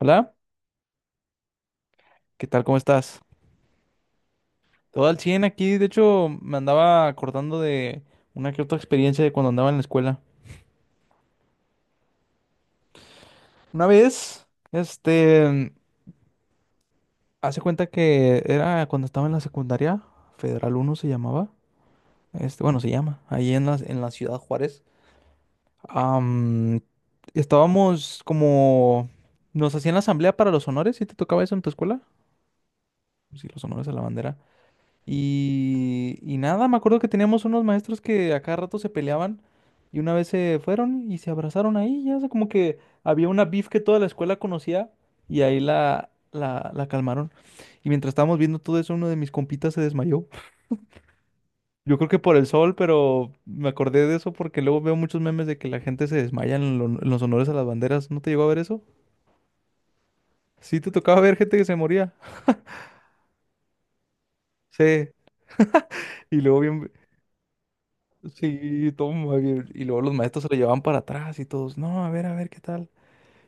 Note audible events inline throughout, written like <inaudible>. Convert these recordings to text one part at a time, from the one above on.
Hola, ¿qué tal? ¿Cómo estás? Todo al 100 aquí. De hecho, me andaba acordando de una que otra experiencia de cuando andaba en la escuela. Una vez, este, mm, hace cuenta que era cuando estaba en la secundaria, Federal Uno se llamaba. Este, bueno, se llama, ahí en la ciudad Juárez. Am, estábamos como, nos hacían la asamblea para los honores, ¿sí te tocaba eso en tu escuela? Sí, los honores a la bandera. Y nada, me acuerdo que teníamos unos maestros que a cada rato se peleaban y una vez se fueron y se abrazaron ahí, ya, o sea, como que había una beef que toda la escuela conocía y ahí la calmaron. Y mientras estábamos viendo todo eso, uno de mis compitas se desmayó. Yo creo que por el sol, pero me acordé de eso porque luego veo muchos memes de que la gente se desmaya en los honores a las banderas. ¿No te llegó a ver eso? Sí, te tocaba ver gente que se moría. Sí, y luego bien, sí, toma, bien. Y luego los maestros se lo llevaban para atrás y todos, no, a ver, ¿qué tal?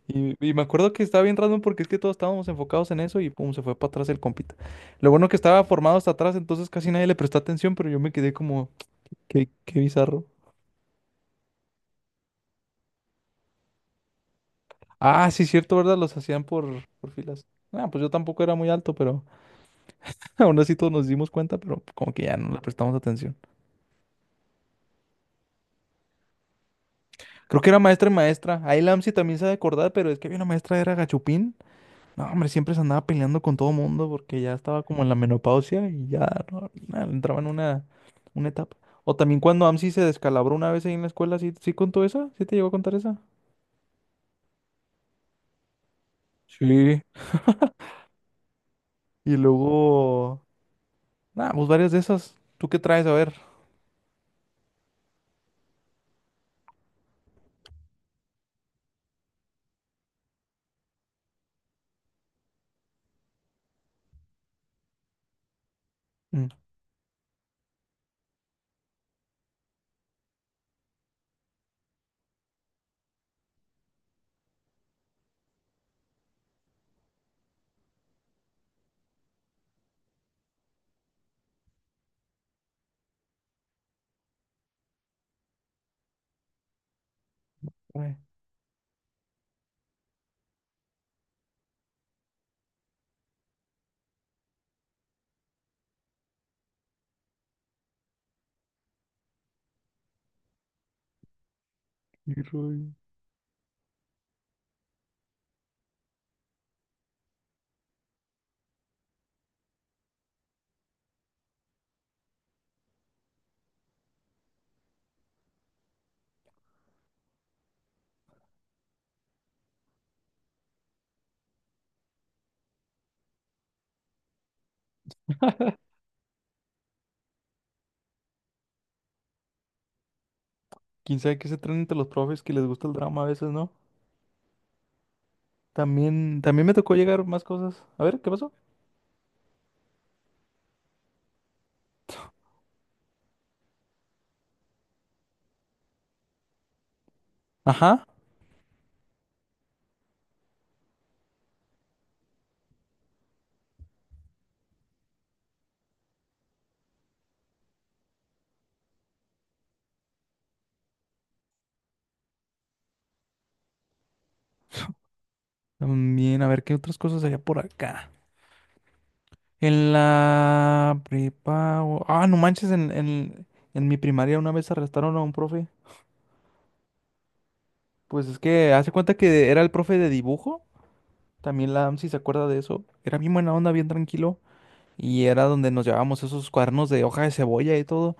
Y me acuerdo que estaba bien random porque es que todos estábamos enfocados en eso y pum, se fue para atrás el compita. Lo bueno que estaba formado hasta atrás, entonces casi nadie le prestó atención, pero yo me quedé como, qué bizarro. Ah, sí, cierto, ¿verdad? Los hacían por filas. Ah, pues yo tampoco era muy alto, pero <laughs> aún así todos nos dimos cuenta, pero como que ya no le prestamos atención. Creo que era maestra y maestra. Ahí Lamsi también sabe acordar, pero es que había una maestra, era Gachupín. No, hombre, siempre se andaba peleando con todo mundo porque ya estaba como en la menopausia y ya no, entraba en una etapa. O también cuando AMSI se descalabró una vez ahí en la escuela, ¿sí, sí contó esa? ¿Sí te llegó a contar esa? Sí. Y luego, nada, pues varias de esas. ¿Tú qué traes? A ver. Mm, ay, qué rollo. ¿Quién sabe qué se traen entre los profes que les gusta el drama a veces, ¿no? También me tocó llegar más cosas. A ver, ¿qué pasó? Ajá. <laughs> También, a ver, ¿qué otras cosas había por acá? En la prepa. O- Ah, no manches, en mi primaria una vez arrestaron a un profe. Pues es que hace cuenta que era el profe de dibujo. También la AMSI se acuerda de eso. Era bien buena onda, bien tranquilo. Y era donde nos llevábamos esos cuadernos de hoja de cebolla y todo.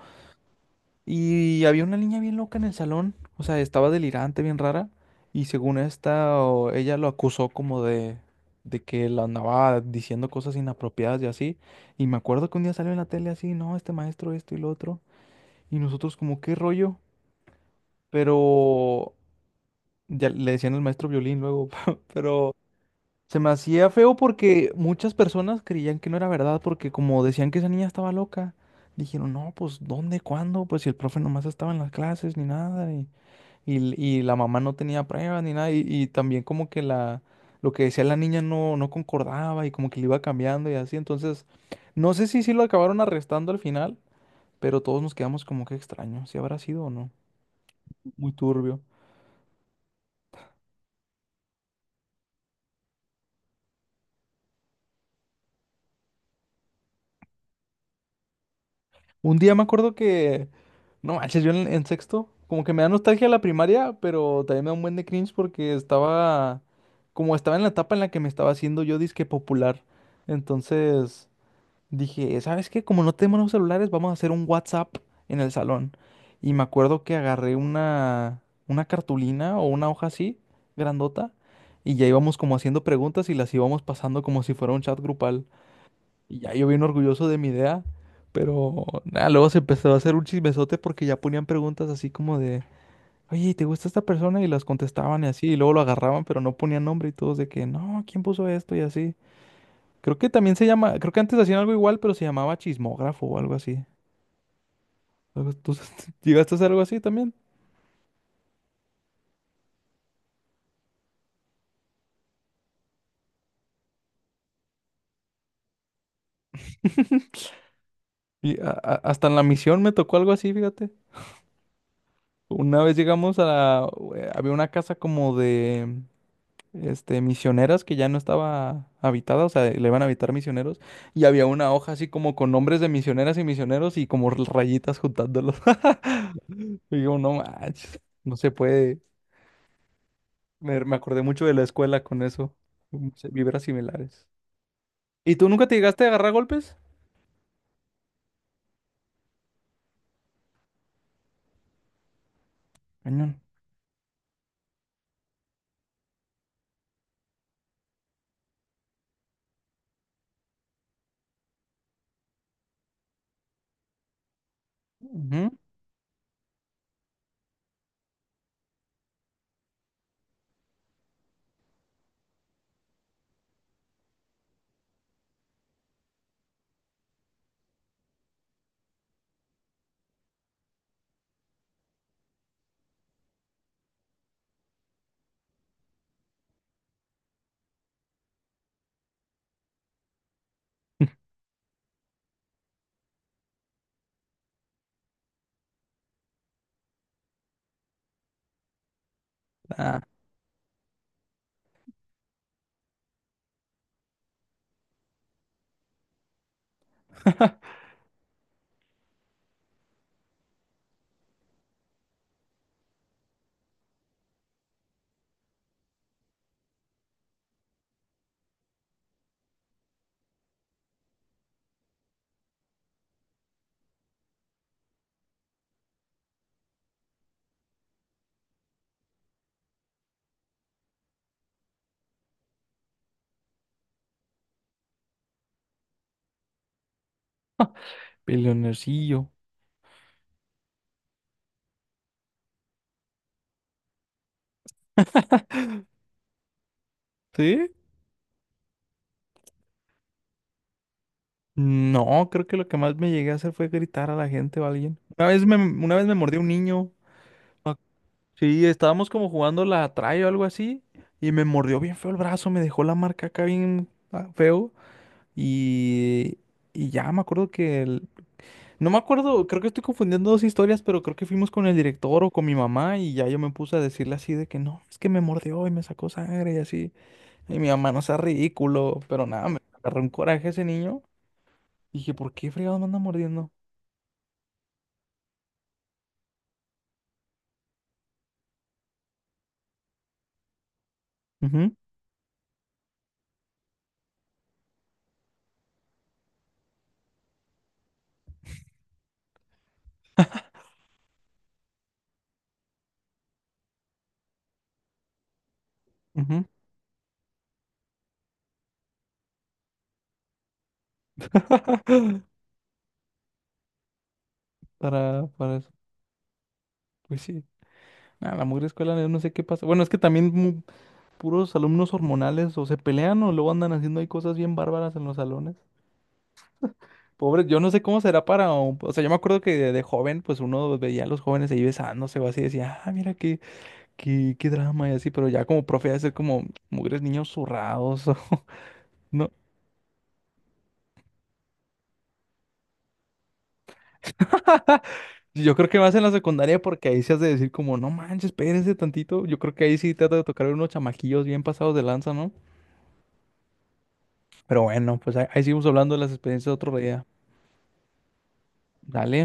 Y había una niña bien loca en el salón, o sea, estaba delirante, bien rara, y según esta, ella lo acusó como de que la andaba diciendo cosas inapropiadas y así, y me acuerdo que un día salió en la tele así, no, este maestro, esto y lo otro, y nosotros como, ¿qué rollo? Pero ya le decían el maestro violín luego, <laughs> pero se me hacía feo porque muchas personas creían que no era verdad, porque como decían que esa niña estaba loca, dijeron, no, pues, ¿dónde, cuándo? Pues si el profe nomás estaba en las clases ni nada, y la mamá no tenía pruebas ni nada. Y también como que la, lo que decía la niña no concordaba y como que le iba cambiando y así. Entonces, no sé si sí lo acabaron arrestando al final, pero todos nos quedamos como que extraño, si habrá sido o no. Muy turbio. Un día me acuerdo que, no manches, yo en sexto, como que me da nostalgia la primaria, pero también me da un buen de cringe porque estaba, como estaba en la etapa en la que me estaba haciendo yo disque popular. Entonces, dije, ¿sabes qué? Como no tenemos los celulares, vamos a hacer un WhatsApp en el salón. Y me acuerdo que agarré una cartulina o una hoja así, grandota, y ya íbamos como haciendo preguntas y las íbamos pasando como si fuera un chat grupal. Y ya yo bien orgulloso de mi idea, pero nada, luego se empezó a hacer un chismesote porque ya ponían preguntas así como de, oye, ¿te gusta esta persona? Y las contestaban y así, y luego lo agarraban, pero no ponían nombre y todos de que, no, ¿quién puso esto? Y así. Creo que también se llama, creo que antes hacían algo igual, pero se llamaba chismógrafo o algo así. ¿Tú <laughs> llegaste a hacer algo así también? <laughs> Y hasta en la misión me tocó algo así, fíjate. Una vez llegamos a había una casa como de este misioneras que ya no estaba habitada, o sea, le iban a habitar misioneros y había una hoja así como con nombres de misioneras y misioneros y como rayitas juntándolos. <laughs> Y digo, no manches, no se puede. Me acordé mucho de la escuela con eso, muchas vibras similares. ¿Y tú nunca te llegaste a agarrar a golpes? Cañón. Ujú. <laughs> Ah, peleonercillo. ¿Sí? No, creo que lo que más me llegué a hacer fue gritar a la gente o a alguien. Una vez me mordió un niño. Sí, estábamos como jugando la atrae o algo así. Y me mordió bien feo el brazo, me dejó la marca acá bien ah, feo. Y, y ya me acuerdo que no me acuerdo, creo que estoy confundiendo dos historias, pero creo que fuimos con el director o con mi mamá y ya yo me puse a decirle así de que no, es que me mordió y me sacó sangre y así. Y mi mamá no sea ridículo, pero nada, me agarró un coraje ese niño. Dije, ¿por qué fregados me anda mordiendo? Ujú, ujú, para eso. Pues sí. Nada, la mugre escuela, yo no sé qué pasa. Bueno, es que también puros alumnos hormonales o se pelean o luego andan haciendo ahí cosas bien bárbaras en los salones. Pobre, yo no sé cómo será para. O sea, yo me acuerdo que de joven, pues uno veía a los jóvenes ahí besándose o así, decía, ah, mira qué, qué drama y así, pero ya como profe, ha de ser como mugres niños zurrados, <laughs> ¿no? Yo creo que más en la secundaria porque ahí se has de decir como, no manches, espérense tantito. Yo creo que ahí sí trata de tocar unos chamaquillos bien pasados de lanza, ¿no? Pero bueno, pues ahí, ahí seguimos hablando de las experiencias otro día. Dale.